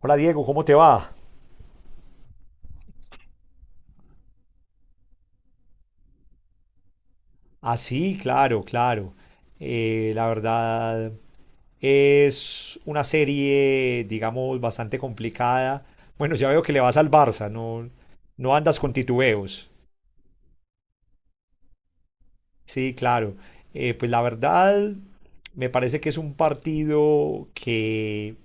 Hola Diego, ¿cómo te va? Ah, sí, claro, claro. La verdad es una serie, digamos, bastante complicada. Bueno, ya veo que le vas al Barça, no, no andas con titubeos. Sí, claro. Pues la verdad me parece que es un partido que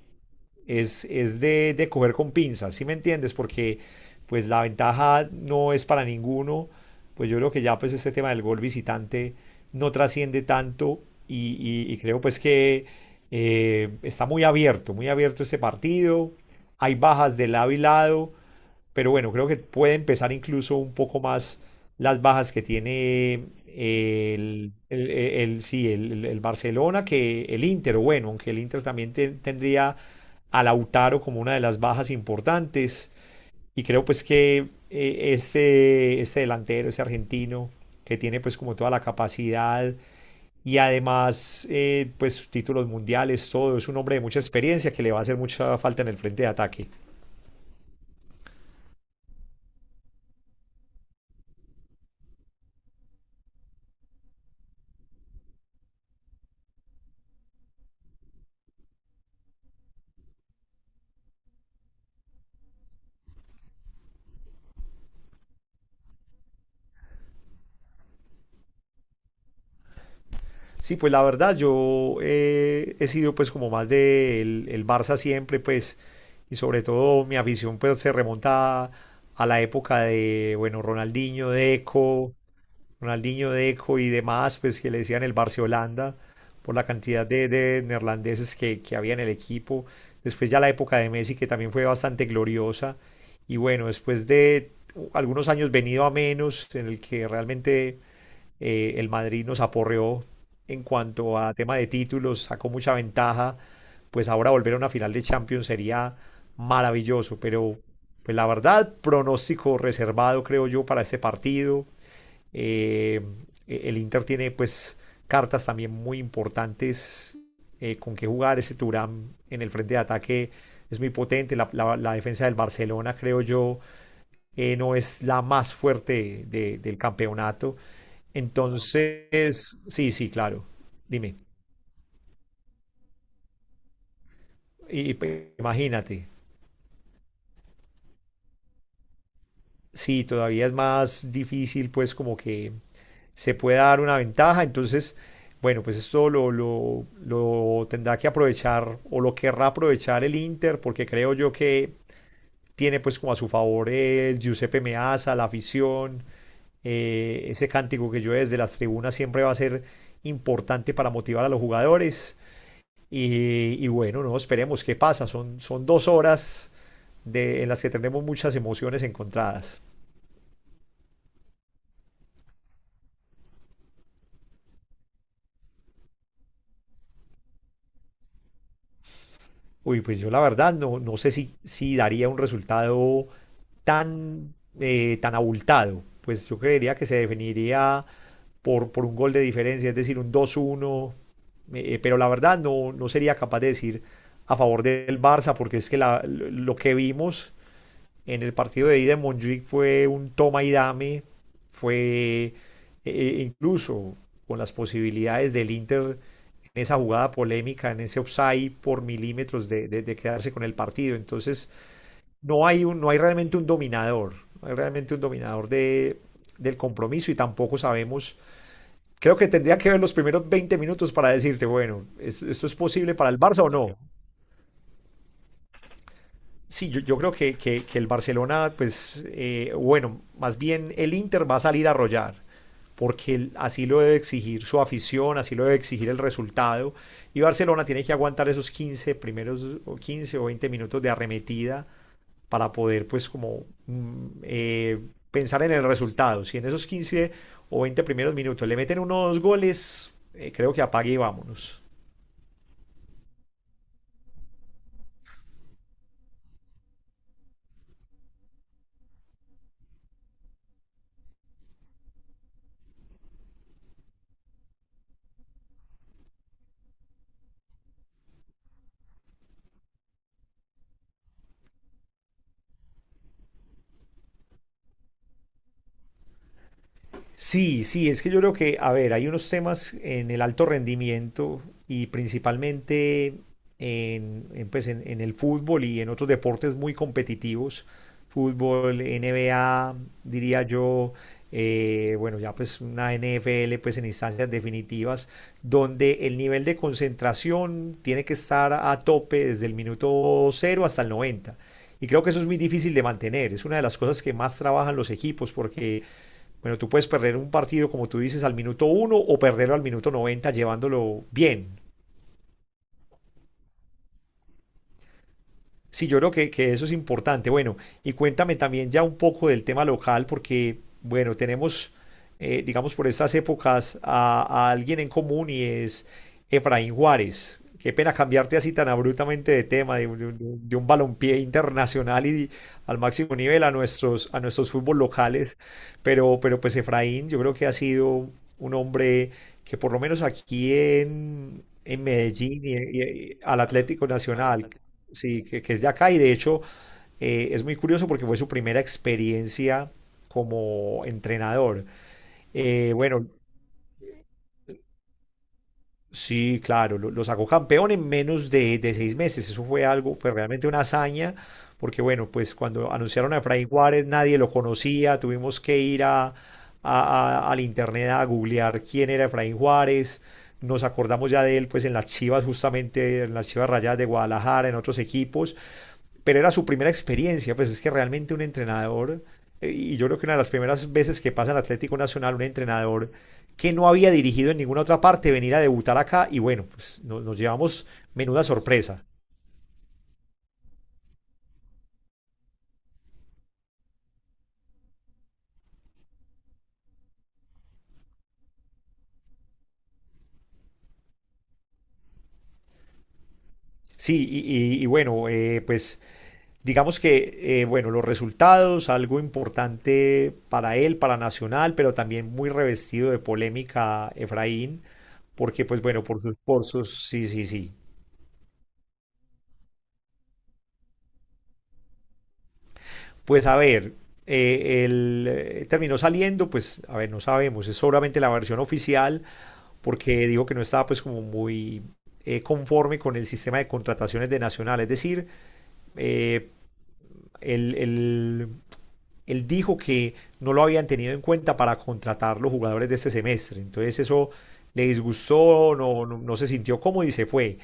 es de coger con pinzas, ¿sí me entiendes? Porque pues la ventaja no es para ninguno, pues yo creo que ya pues este tema del gol visitante no trasciende tanto y creo pues que está muy abierto este partido, hay bajas de lado y lado, pero bueno, creo que puede empezar incluso un poco más las bajas que tiene sí, el Barcelona que el Inter. O bueno, aunque el Inter también tendría a Lautaro como una de las bajas importantes. Y creo pues que ese delantero, ese argentino, que tiene pues como toda la capacidad y además pues títulos mundiales, todo, es un hombre de mucha experiencia que le va a hacer mucha falta en el frente de ataque. Sí, pues la verdad, yo he sido pues como más de el Barça siempre, pues, y sobre todo mi afición pues se remonta a la época de, bueno, Ronaldinho, Deco, Ronaldinho, Deco y demás, pues que le decían el Barcelona por la cantidad de neerlandeses que había en el equipo. Después ya la época de Messi, que también fue bastante gloriosa. Y bueno, después de algunos años venido a menos, en el que realmente el Madrid nos aporreó en cuanto a tema de títulos, sacó mucha ventaja, pues ahora volver a una final de Champions sería maravilloso, pero pues la verdad, pronóstico reservado creo yo para este partido. Eh, el Inter tiene pues cartas también muy importantes con que jugar. Ese Turam en el frente de ataque es muy potente. La defensa del Barcelona, creo yo, no es la más fuerte de, del campeonato. Entonces, sí, sí, claro. Dime, y, imagínate, sí, todavía es más difícil pues como que se pueda dar una ventaja. Entonces, bueno, pues esto lo tendrá que aprovechar o lo querrá aprovechar el Inter, porque creo yo que tiene pues como a su favor el Giuseppe Meazza, la afición, ese cántico que yo desde las tribunas siempre va a ser importante para motivar a los jugadores. Y bueno, no esperemos qué pasa. Son dos horas de, en las que tenemos muchas emociones encontradas. Uy, pues yo la verdad no, no sé si, si daría un resultado tan abultado. Pues yo creería que se definiría por un gol de diferencia, es decir, un 2-1. Pero la verdad no, no sería capaz de decir a favor del Barça, porque es que lo que vimos en el partido de ida en Montjuic fue un toma y dame, fue incluso con las posibilidades del Inter en esa jugada polémica, en ese offside por milímetros de quedarse con el partido. Entonces, no hay realmente un dominador, no hay realmente un dominador de, del compromiso y tampoco sabemos. Creo que tendría que ver los primeros 20 minutos para decirte, bueno, ¿esto, esto es posible para el Barça o no? Sí, yo creo que el Barcelona, pues, bueno, más bien el Inter va a salir a arrollar, porque así lo debe exigir su afición, así lo debe exigir el resultado, y Barcelona tiene que aguantar esos 15 primeros o 15 o 20 minutos de arremetida para poder pues como pensar en el resultado. Si en esos 15 o 20 primeros minutos le meten unos goles, creo que apague y vámonos. Sí, sí, es que yo creo que, a ver, hay unos temas en el alto rendimiento y principalmente en el fútbol y en otros deportes muy competitivos, fútbol, NBA, diría yo, bueno, ya pues una NFL pues en instancias definitivas, donde el nivel de concentración tiene que estar a tope desde el minuto cero hasta el noventa. Y creo que eso es muy difícil de mantener. Es una de las cosas que más trabajan los equipos porque bueno, tú puedes perder un partido, como tú dices, al minuto uno o perderlo al minuto 90 llevándolo bien. Sí, yo creo que eso es importante. Bueno, y cuéntame también ya un poco del tema local, porque, bueno, tenemos, digamos, por estas épocas a alguien en común y es Efraín Juárez. Qué pena cambiarte así tan abruptamente de tema, de, de un balompié internacional y al máximo nivel a nuestros fútbol locales. Pero pues Efraín, yo creo que ha sido un hombre que por lo menos aquí en Medellín y al Atlético Nacional, sí, que es de acá y de hecho es muy curioso porque fue su primera experiencia como entrenador. Eh, bueno, sí, claro, lo sacó campeón en menos de seis meses. Eso fue algo, pues realmente una hazaña, porque bueno, pues cuando anunciaron a Efraín Juárez nadie lo conocía, tuvimos que ir al internet a googlear quién era Efraín Juárez. Nos acordamos ya de él, pues en las Chivas, justamente en las Chivas Rayadas de Guadalajara, en otros equipos, pero era su primera experiencia, pues es que realmente un entrenador, y yo creo que una de las primeras veces que pasa en Atlético Nacional, un entrenador que no había dirigido en ninguna otra parte, venir a debutar acá, y bueno, pues nos llevamos menuda sorpresa. Sí, y bueno, pues digamos que, bueno, los resultados, algo importante para él, para Nacional, pero también muy revestido de polémica Efraín, porque pues bueno, por sus, sí, sí, sí. Pues a ver, él terminó saliendo, pues a ver, no sabemos, es solamente la versión oficial porque dijo que no estaba pues como muy conforme con el sistema de contrataciones de Nacional, es decir, eh, el él dijo que no lo habían tenido en cuenta para contratar los jugadores de este semestre. Entonces eso le disgustó, no, no, no se sintió cómodo y se fue.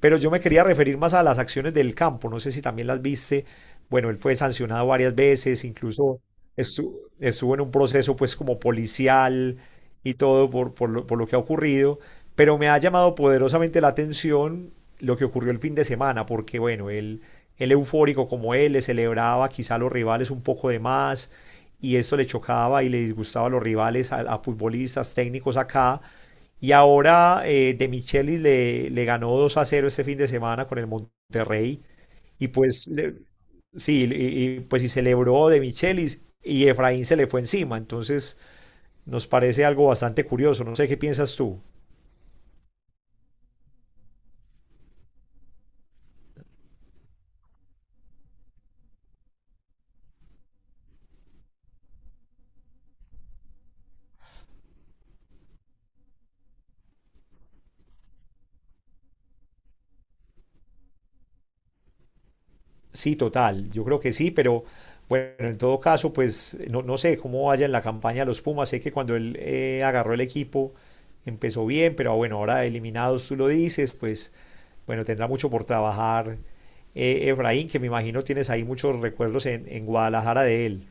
Pero yo me quería referir más a las acciones del campo, no sé si también las viste. Bueno, él fue sancionado varias veces, incluso estuvo, en un proceso pues como policial y todo por lo que ha ocurrido. Pero me ha llamado poderosamente la atención lo que ocurrió el fin de semana, porque bueno, él eufórico como él, le celebraba quizá a los rivales un poco de más y esto le chocaba y le disgustaba a los rivales, a futbolistas, técnicos acá. Y ahora De Michelis ganó 2 a cero este fin de semana con el Monterrey y pues le, sí, pues y celebró De Michelis y Efraín se le fue encima. Entonces nos parece algo bastante curioso. No sé qué piensas tú. Sí, total, yo creo que sí, pero bueno, en todo caso, pues no, no sé cómo vaya en la campaña de los Pumas, sé que cuando él agarró el equipo empezó bien, pero bueno, ahora eliminados tú lo dices, pues bueno, tendrá mucho por trabajar Efraín, que me imagino tienes ahí muchos recuerdos en Guadalajara de él.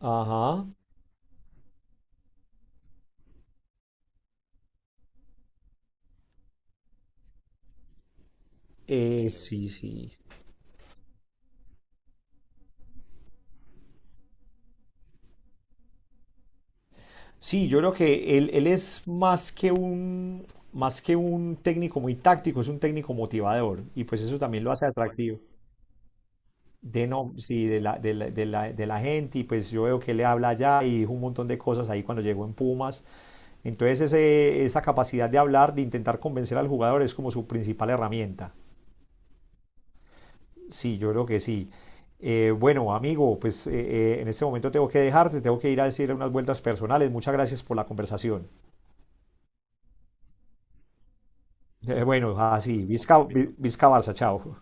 Ajá, sí, sí. Sí, yo creo que él es más que un técnico muy táctico, es un técnico motivador y pues eso también lo hace atractivo. No, sí, de la gente y pues yo veo que él le habla allá y dijo un montón de cosas ahí cuando llegó en Pumas. Entonces esa capacidad de hablar, de intentar convencer al jugador es como su principal herramienta. Sí, yo creo que sí. Bueno, amigo, pues en este momento tengo que dejarte, tengo que ir a decir unas vueltas personales. Muchas gracias por la conversación. Bueno, así, Vizca Barça, chao.